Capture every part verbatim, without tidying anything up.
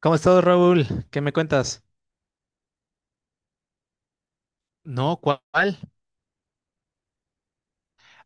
¿Cómo estás, Raúl? ¿Qué me cuentas? No, ¿cuál?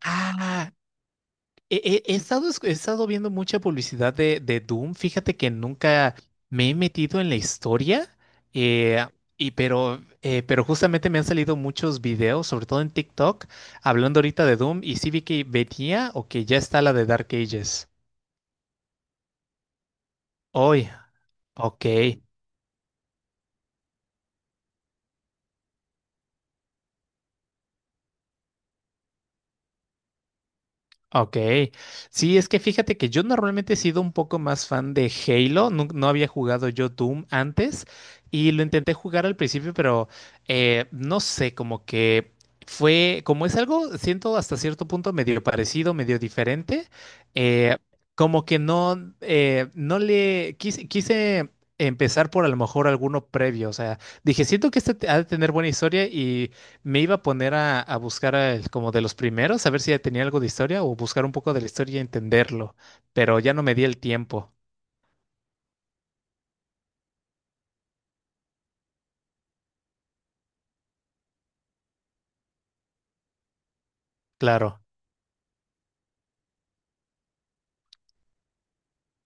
Ah, he, he- he estado, esc- he estado viendo mucha publicidad de, de Doom. Fíjate que nunca me he metido en la historia. eh, y pero, eh, pero justamente me han salido muchos videos, sobre todo en TikTok, hablando ahorita de Doom. Y sí vi que venía o que ya está la de Dark Ages. Hoy, ok. Ok, sí, es que fíjate que yo normalmente he sido un poco más fan de Halo, nun- no había jugado yo Doom antes y lo intenté jugar al principio, pero eh, no sé, como que fue, como es algo, siento hasta cierto punto medio parecido, medio diferente, eh, como que no, eh, no le quise, quise empezar por a lo mejor alguno previo, o sea, dije, siento que este te- ha de tener buena historia. Me iba a poner a, a buscar a el- como de los primeros, a ver si tenía algo de historia o buscar un poco de la historia y entenderlo, pero ya no me di el tiempo, claro.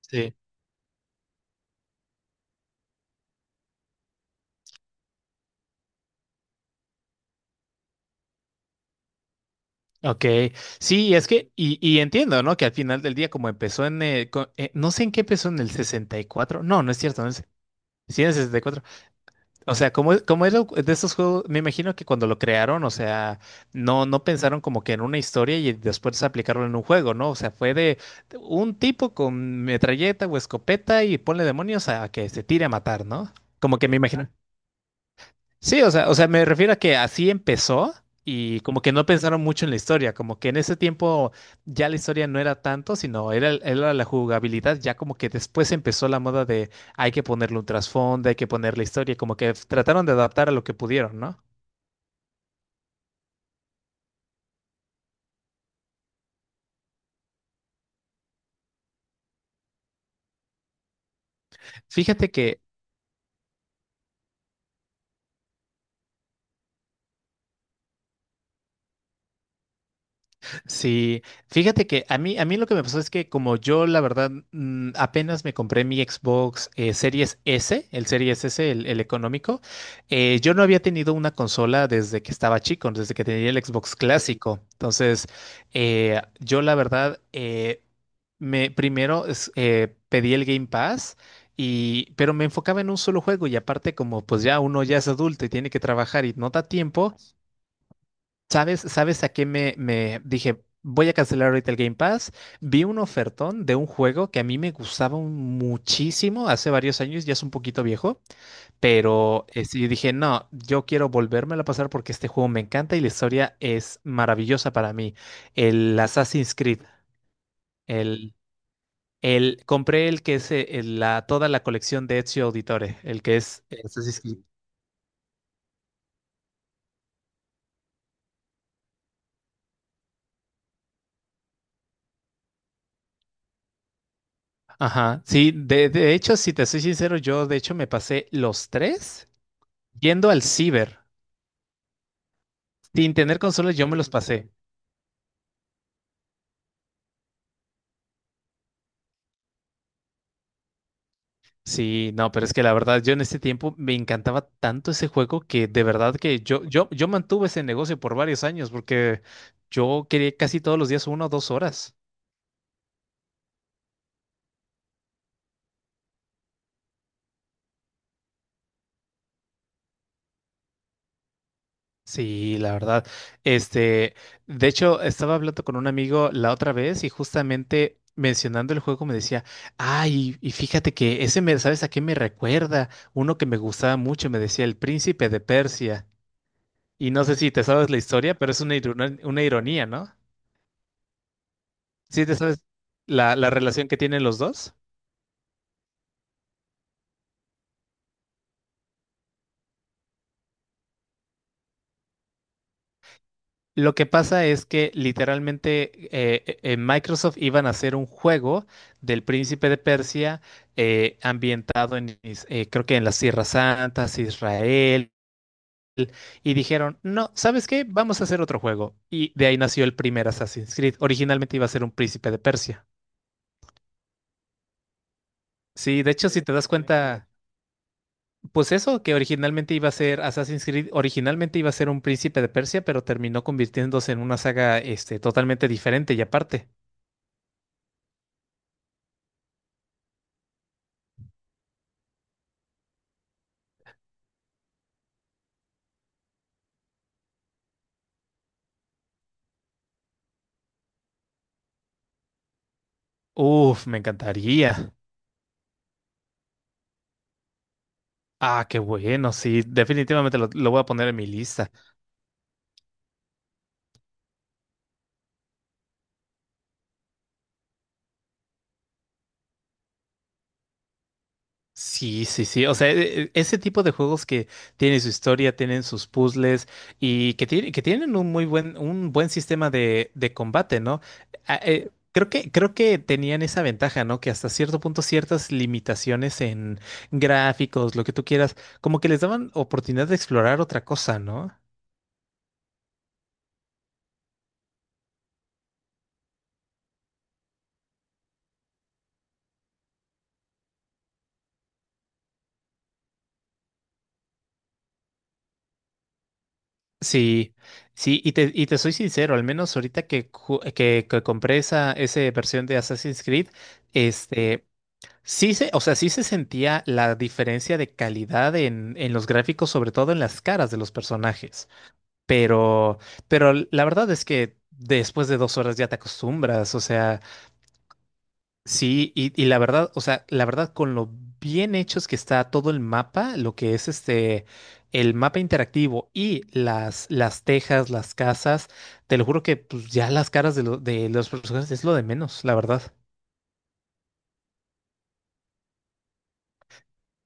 Sí. Ok, sí, es que, y, y entiendo, ¿no? Que al final del día, como empezó en, eh, co- eh, no sé en qué, empezó en el sesenta y cuatro, no, no es cierto, no es, sí, en el sesenta y cuatro. O sea, como como era de estos juegos. Me imagino que cuando lo crearon, o sea, no, no pensaron como que en una historia y después aplicarlo en un juego, ¿no? O sea, fue de un tipo con metralleta o escopeta y ponle demonios a, que se tire a matar, ¿no? Como que me imagino. Sí, o sea, o sea, me refiero a que así empezó y como que no pensaron mucho en la historia, como que en ese tiempo ya la historia no era tanto, sino era, el- era la jugabilidad, ya como que después empezó la moda de hay que ponerle un trasfondo, hay que poner la historia, como que trataron de adaptar a lo que pudieron, ¿no? Fíjate que sí, fíjate que a mí, a mí lo que me pasó es que como yo, la verdad, mm, apenas me compré mi Xbox eh, Series S, el Series S, el, el económico, eh, yo no había tenido una consola desde que estaba chico, desde que tenía el Xbox clásico. Entonces, eh, yo la verdad, eh, me primero es- eh, pedí el Game Pass y pero me enfocaba en un solo juego y aparte como pues ya uno ya es adulto y tiene que trabajar y no da tiempo. ¿Sabes, sabes a qué me, me dije? Voy a cancelar ahorita el Game Pass. Vi un ofertón de un juego que a mí me gustaba un- muchísimo hace varios años, ya es un poquito viejo, pero eh, sí dije, no, yo quiero volvérmelo a pasar porque este juego me encanta y la historia es maravillosa para mí. El Assassin's Creed, el, el compré el que es eh, el- la, toda la colección de Ezio Auditore, el que es eh, Assassin's Creed. Ajá, sí, de, de hecho, si te soy sincero, yo de hecho me pasé los tres. Yendo al ciber, sin tener consolas, yo me los pasé. Sí, no, pero es que la verdad, yo en este tiempo me encantaba tanto ese juego que de verdad que yo, yo, yo mantuve ese negocio por varios años porque yo quería casi todos los días una o dos horas. Sí, la verdad. Este, de hecho, estaba hablando con un amigo la otra vez y justamente mencionando el juego me decía, ay, y fíjate que ese me, ¿sabes a qué me recuerda? Uno que me gustaba mucho, me decía El Príncipe de Persia. Y no sé si te sabes la historia, pero es una, iron- una ironía, ¿no? Sí, te sabes la, la relación que tienen los dos. Lo que pasa es que literalmente eh, eh, en Microsoft iban a hacer un juego del Príncipe de Persia eh, ambientado en, Is- eh, creo que en las Tierras Santas, Israel, y dijeron, no, ¿sabes qué? Vamos a hacer otro juego. Y de ahí nació el primer Assassin's Creed. Originalmente iba a ser un Príncipe de Persia. Sí, de hecho, si te das cuenta... Pues eso, que originalmente iba a ser Assassin's Creed, originalmente iba a ser un Príncipe de Persia, pero terminó convirtiéndose en una saga, este, totalmente diferente y aparte. Uf, me encantaría. Ah, qué bueno, sí, definitivamente lo, lo voy a poner en mi lista. Sí, sí, sí. O sea, e- e- ese tipo de juegos que tienen su historia, tienen sus puzzles y que, tiene- que tienen un muy buen, un buen sistema de, de combate, ¿no? A- eh, creo que, creo que tenían esa ventaja, ¿no? Que hasta cierto punto ciertas limitaciones en gráficos, lo que tú quieras, como que les daban oportunidad de explorar otra cosa, ¿no? Sí, sí, y te, y te soy sincero, al menos ahorita que, ju- que, que compré esa, esa versión de Assassin's Creed. Este, sí se, o sea, sí se sentía la diferencia de calidad en, en los gráficos, sobre todo en las caras de los personajes. Pero, pero la verdad es que después de dos horas ya te acostumbras. O sea, sí, y, y la verdad, o sea, la verdad, con lo bien hechos que está todo el mapa, lo que es este, el mapa interactivo y las, las tejas, las casas, te lo juro que pues, ya las caras de, lo- de los personajes es lo de menos, la verdad.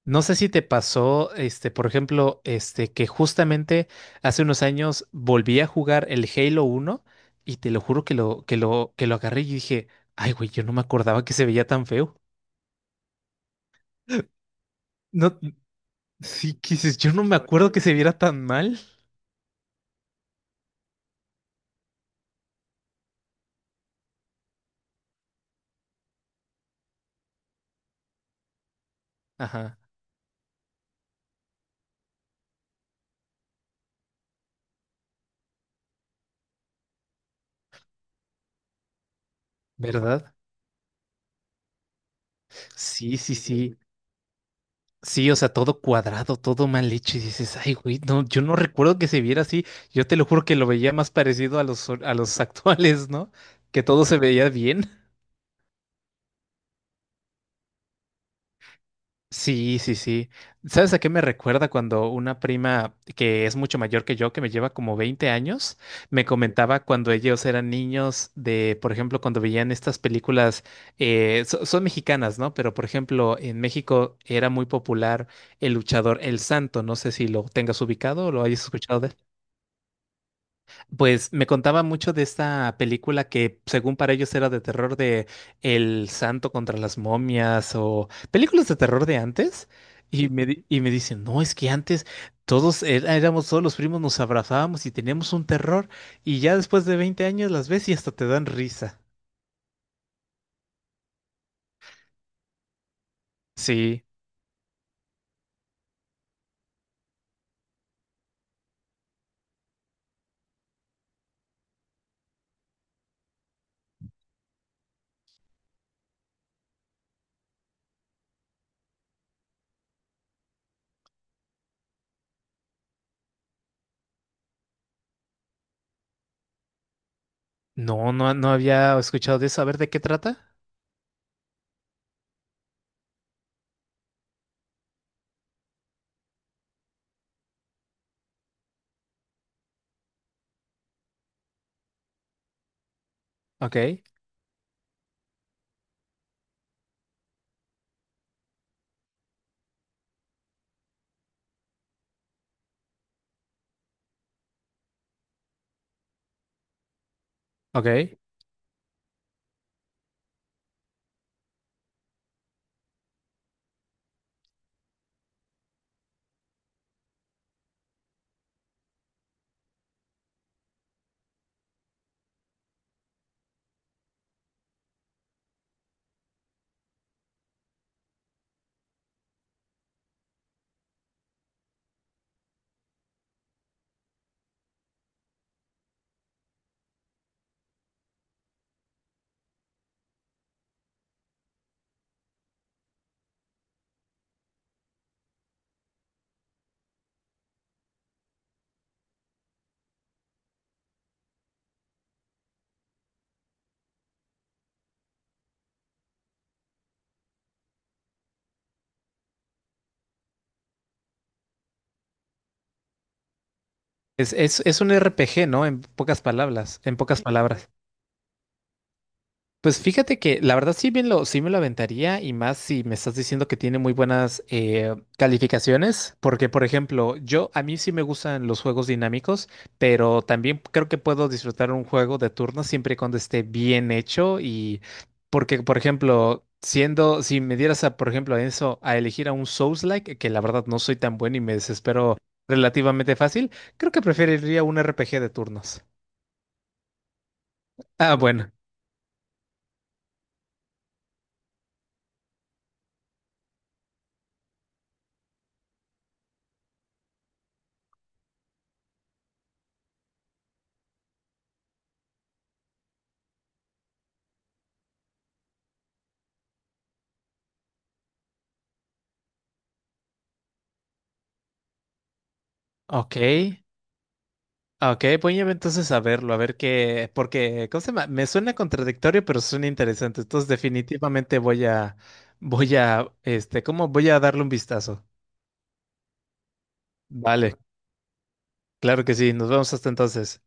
No sé si te pasó, este, por ejemplo, este, que justamente hace unos años volví a jugar el Halo uno y te lo juro que lo, que lo, que lo agarré y dije, ay, güey, yo no me acordaba que se veía tan feo. No, sí, que dices, yo no me acuerdo que se viera tan mal. Ajá, ¿verdad? Sí, sí, sí. Sí, o sea, todo cuadrado, todo mal hecho. Y dices, ay, güey, no, yo no recuerdo que se viera así. Yo te lo juro que lo veía más parecido a los, or- a los actuales, ¿no? Que todo se veía bien. Sí, sí, sí. ¿Sabes a qué me recuerda cuando una prima que es mucho mayor que yo, que me lleva como veinte años, me comentaba cuando ellos eran niños de, por ejemplo, cuando veían estas películas, eh, so- son mexicanas, ¿no? Pero, por ejemplo, en México era muy popular el luchador El Santo. No sé si lo tengas ubicado o lo hayas escuchado de... Pues me contaba mucho de esta película que según para ellos era de terror, de El Santo contra las momias, o películas de terror de antes. Y me, di- y me dicen, no, es que antes todos era- éramos todos los primos, nos abrazábamos y teníamos un terror. Y ya después de veinte años las ves y hasta te dan risa. Sí, no, no, no había escuchado de eso. A ver, ¿de qué trata? Ok, ok. Es, es, es un R P G, ¿no? En pocas palabras, en pocas palabras pues fíjate que la verdad sí, bien lo, sí me lo aventaría y más si me estás diciendo que tiene muy buenas eh, calificaciones, porque por ejemplo, yo a mí sí me gustan los juegos dinámicos, pero también creo que puedo disfrutar un juego de turno siempre y cuando esté bien hecho. Y porque por ejemplo, siendo, si me dieras a por ejemplo a eso, a elegir a un Souls-like, que la verdad no soy tan bueno y me desespero relativamente fácil, creo que preferiría un R P G de turnos. Ah, bueno, ok. Ah, ok, voy a entonces a verlo, a ver qué, porque, ¿cómo se llama? Me suena contradictorio, pero suena interesante. Entonces, definitivamente voy a, voy a, este, ¿cómo? Voy a darle un vistazo. Vale, claro que sí. Nos vemos hasta entonces.